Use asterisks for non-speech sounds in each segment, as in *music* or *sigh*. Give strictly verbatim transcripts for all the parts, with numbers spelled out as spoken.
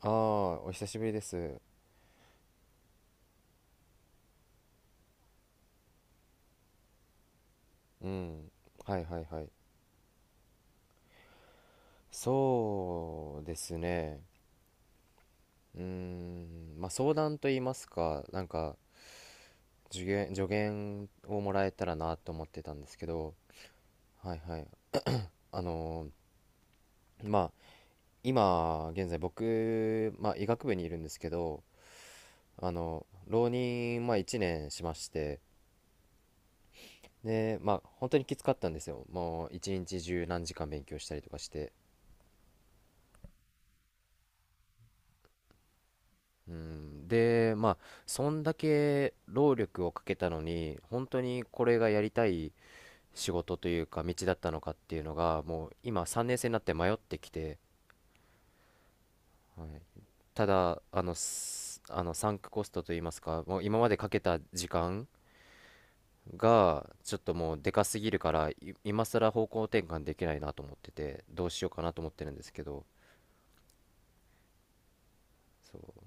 ああ、お久しぶりです。うん。はいはいはい。そうですね。うーん。まあ相談と言いますか、なんか助言、助言をもらえたらなと思ってたんですけど、はいはい。あのーまあ今現在僕、まあ医学部にいるんですけど、あの、浪人、まあいちねんしまして、で、まあ本当にきつかったんですよ。もう一日中何時間勉強したりとかして。うん、で、まあ、そんだけ労力をかけたのに、本当にこれがやりたい仕事というか、道だったのかっていうのが、もう今、さんねん生になって迷ってきて。はい、ただ、あの、すあのサンクコストといいますか、もう今までかけた時間が、ちょっともうでかすぎるから、い今更方向転換できないなと思ってて、どうしようかなと思ってるんですけど。そう、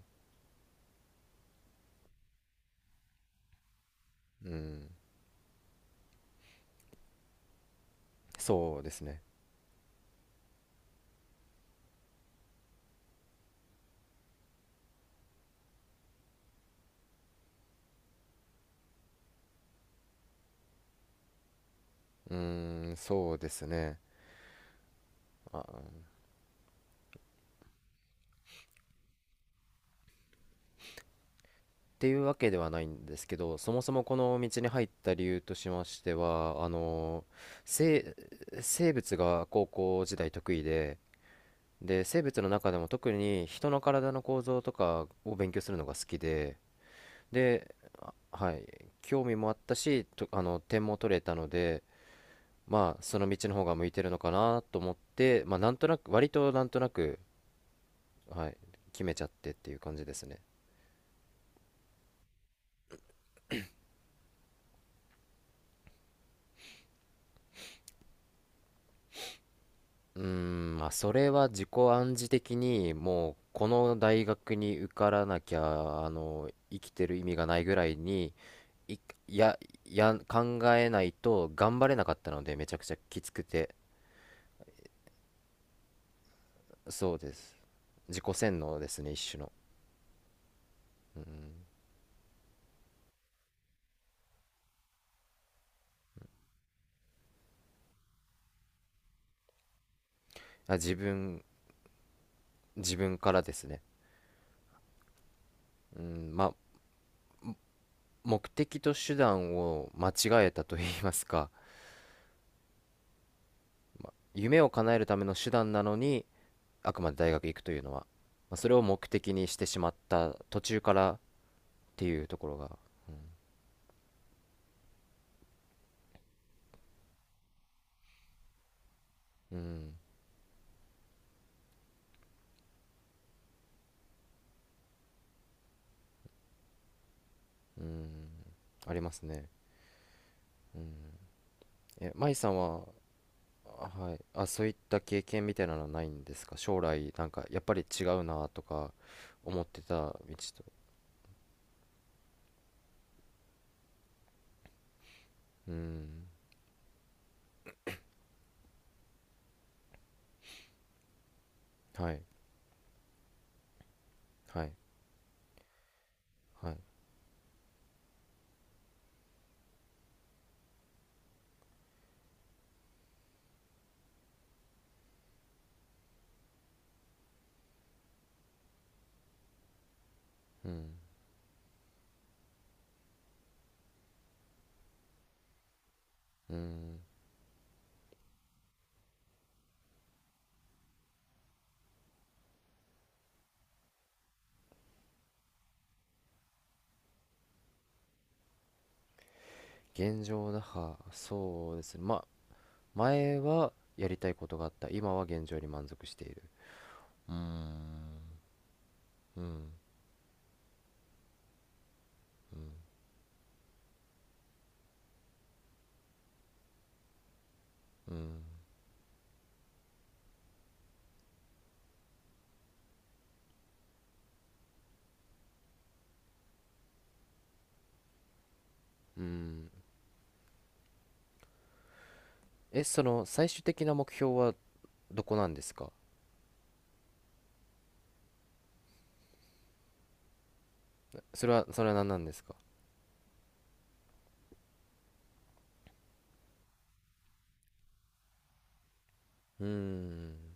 うん、そうですね、うん、そうですね。っていうわけではないんですけど、そもそもこの道に入った理由としましては、あの、生、生物が高校時代得意で、で、生物の中でも特に人の体の構造とかを勉強するのが好きで、で、あ、はい、興味もあったし、と、あの、点も取れたので、まあ、その道の方が向いてるのかなと思って、まあ、なんとなく、割となんとなく、はい、決めちゃってっていう感じですね。うーん、まあ、それは自己暗示的にもうこの大学に受からなきゃあの生きてる意味がないぐらいにい、や、や、考えないと頑張れなかったのでめちゃくちゃきつくて。そうです、自己洗脳ですね一種の。うん、あ、自分自分からですね。うん、まあも目的と手段を間違えたと言いますか、夢を叶えるための手段なのにあくまで大学行くというのは、まあ、それを目的にしてしまった途中からっていうところが。うん、うん、ありますね。うん。え、舞さんは、はい、あ、そういった経験みたいなのはないんですか、将来、なんか、やっぱり違うなとか、思ってた道と。うん、はい、はい、はい、うん、うん。現状打破、そうですね。まあ、前はやりたいことがあった。今は現状に満足している。うん、うん、うん、うん。うん。え、その最終的な目標はどこなんですか？それは、それは何なんですか？うーん。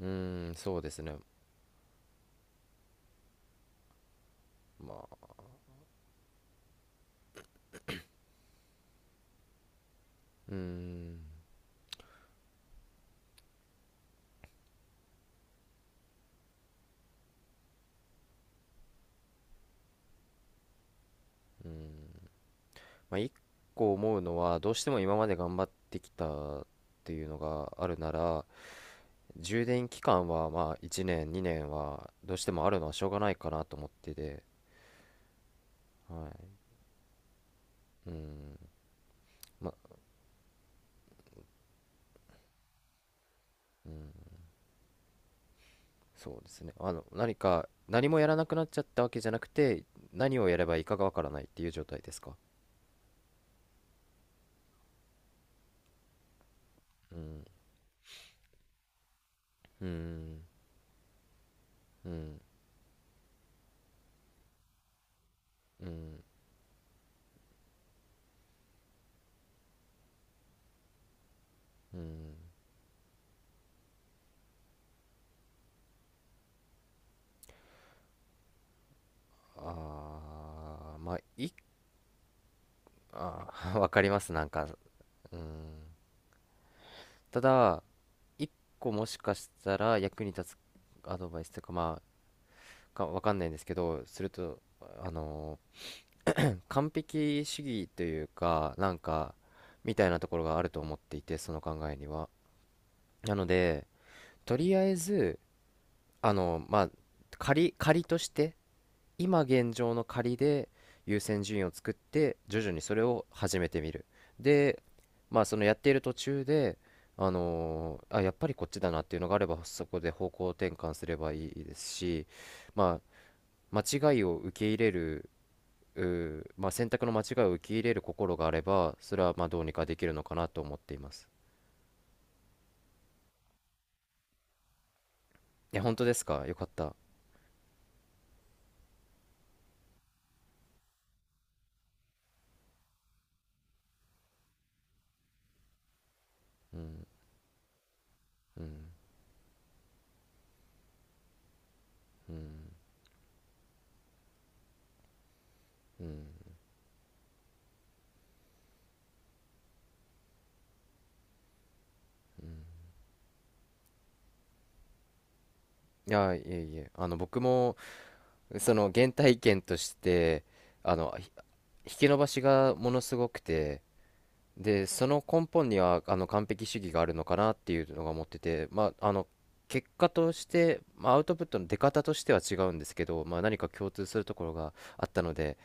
うーん、そうですね。まあ、うーん。まあ、一個思うのは、どうしても今まで頑張ってきたっていうのがあるなら、充電期間はまあいちねん、にねんはどうしてもあるのはしょうがないかなと思ってて。はい。うん。まあ、そうですね。あの、何か、何もやらなくなっちゃったわけじゃなくて、何をやればいいかがわからないっていう状態ですか？うん、うん、うん、うん、うん。ああ、まあ、いああ、 *laughs* わかります、なんか。うん、ただ一個もしかしたら役に立つアドバイスというか、まあかわかんないんですけど、すると、あの完璧主義というか、なんかみたいなところがあると思っていて、その考えには。なので、とりあえず、あのまあ仮仮として、今現状の仮で優先順位を作って徐々にそれを始めてみる。で、まあ、そのやっている途中で、あのーあ、やっぱりこっちだなっていうのがあれば、そこで方向転換すればいいですし、まあ間違いを受け入れる、うーまあ、選択の間違いを受け入れる心があればそれはまあどうにかできるのかなと思っています。いや、本当ですか、よかった。うん、うん、うん、うん。いや、いえ、いえ、あの僕もその原体験として、あのひ引き伸ばしがものすごくて、でその根本にはあの完璧主義があるのかなっていうのが思ってて、まあ、あの結果として、まあ、アウトプットの出方としては違うんですけど、まあ、何か共通するところがあったので、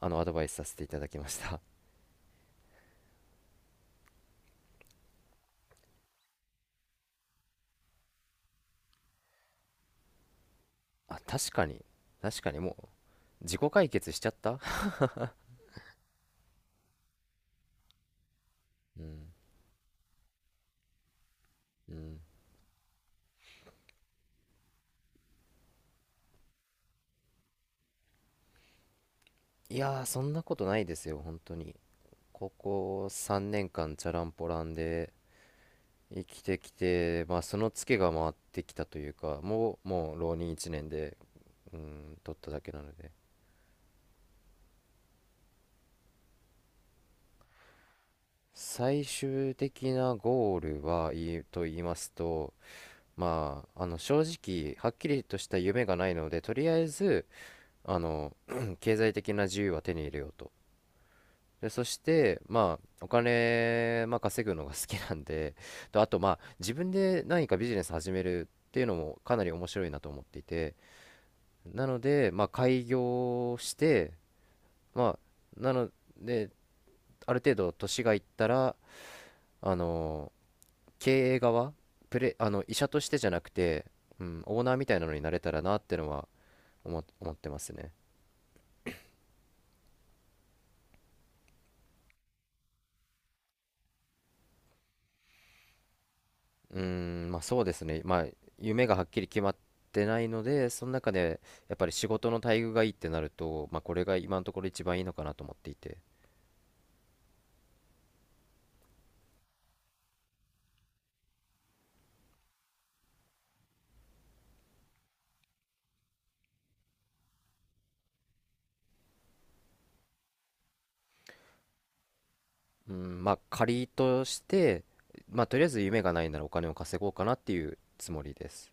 あのアドバイスさせていただきました。 *laughs* あ、確かに。確かにもう自己解決しちゃった。 *laughs* うん、うん。いやー、そんなことないですよ本当に。ここさんねんかんチャランポランで生きてきて、まあ、そのツケが回ってきたというか、もう、もう浪人いちねんで、うん、取っただけなので。最終的なゴールはい、と言いますと、まあ、あの正直はっきりとした夢がないのでとりあえず、あの *clears throat* *coughs* 経済的な自由は手に入れようと。でそしてまあお金、まあ、稼ぐのが好きなんで、と、あと、まあ自分で何かビジネス始めるっていうのもかなり面白いなと思っていて、なので、まあ、開業して、まあ、なので、ある程度年がいったら、あの、経営側、プレ、あの、医者としてじゃなくて、うん、オーナーみたいなのになれたらなってのは、思、思ってますね。うーん、まあそうですね。まあ、夢がはっきり決まってないので、その中で、やっぱり仕事の待遇がいいってなると、まあこれが今のところ一番いいのかなと思っていて。うん、まあ仮として、まあとりあえず夢がないならお金を稼ごうかなっていうつもりです。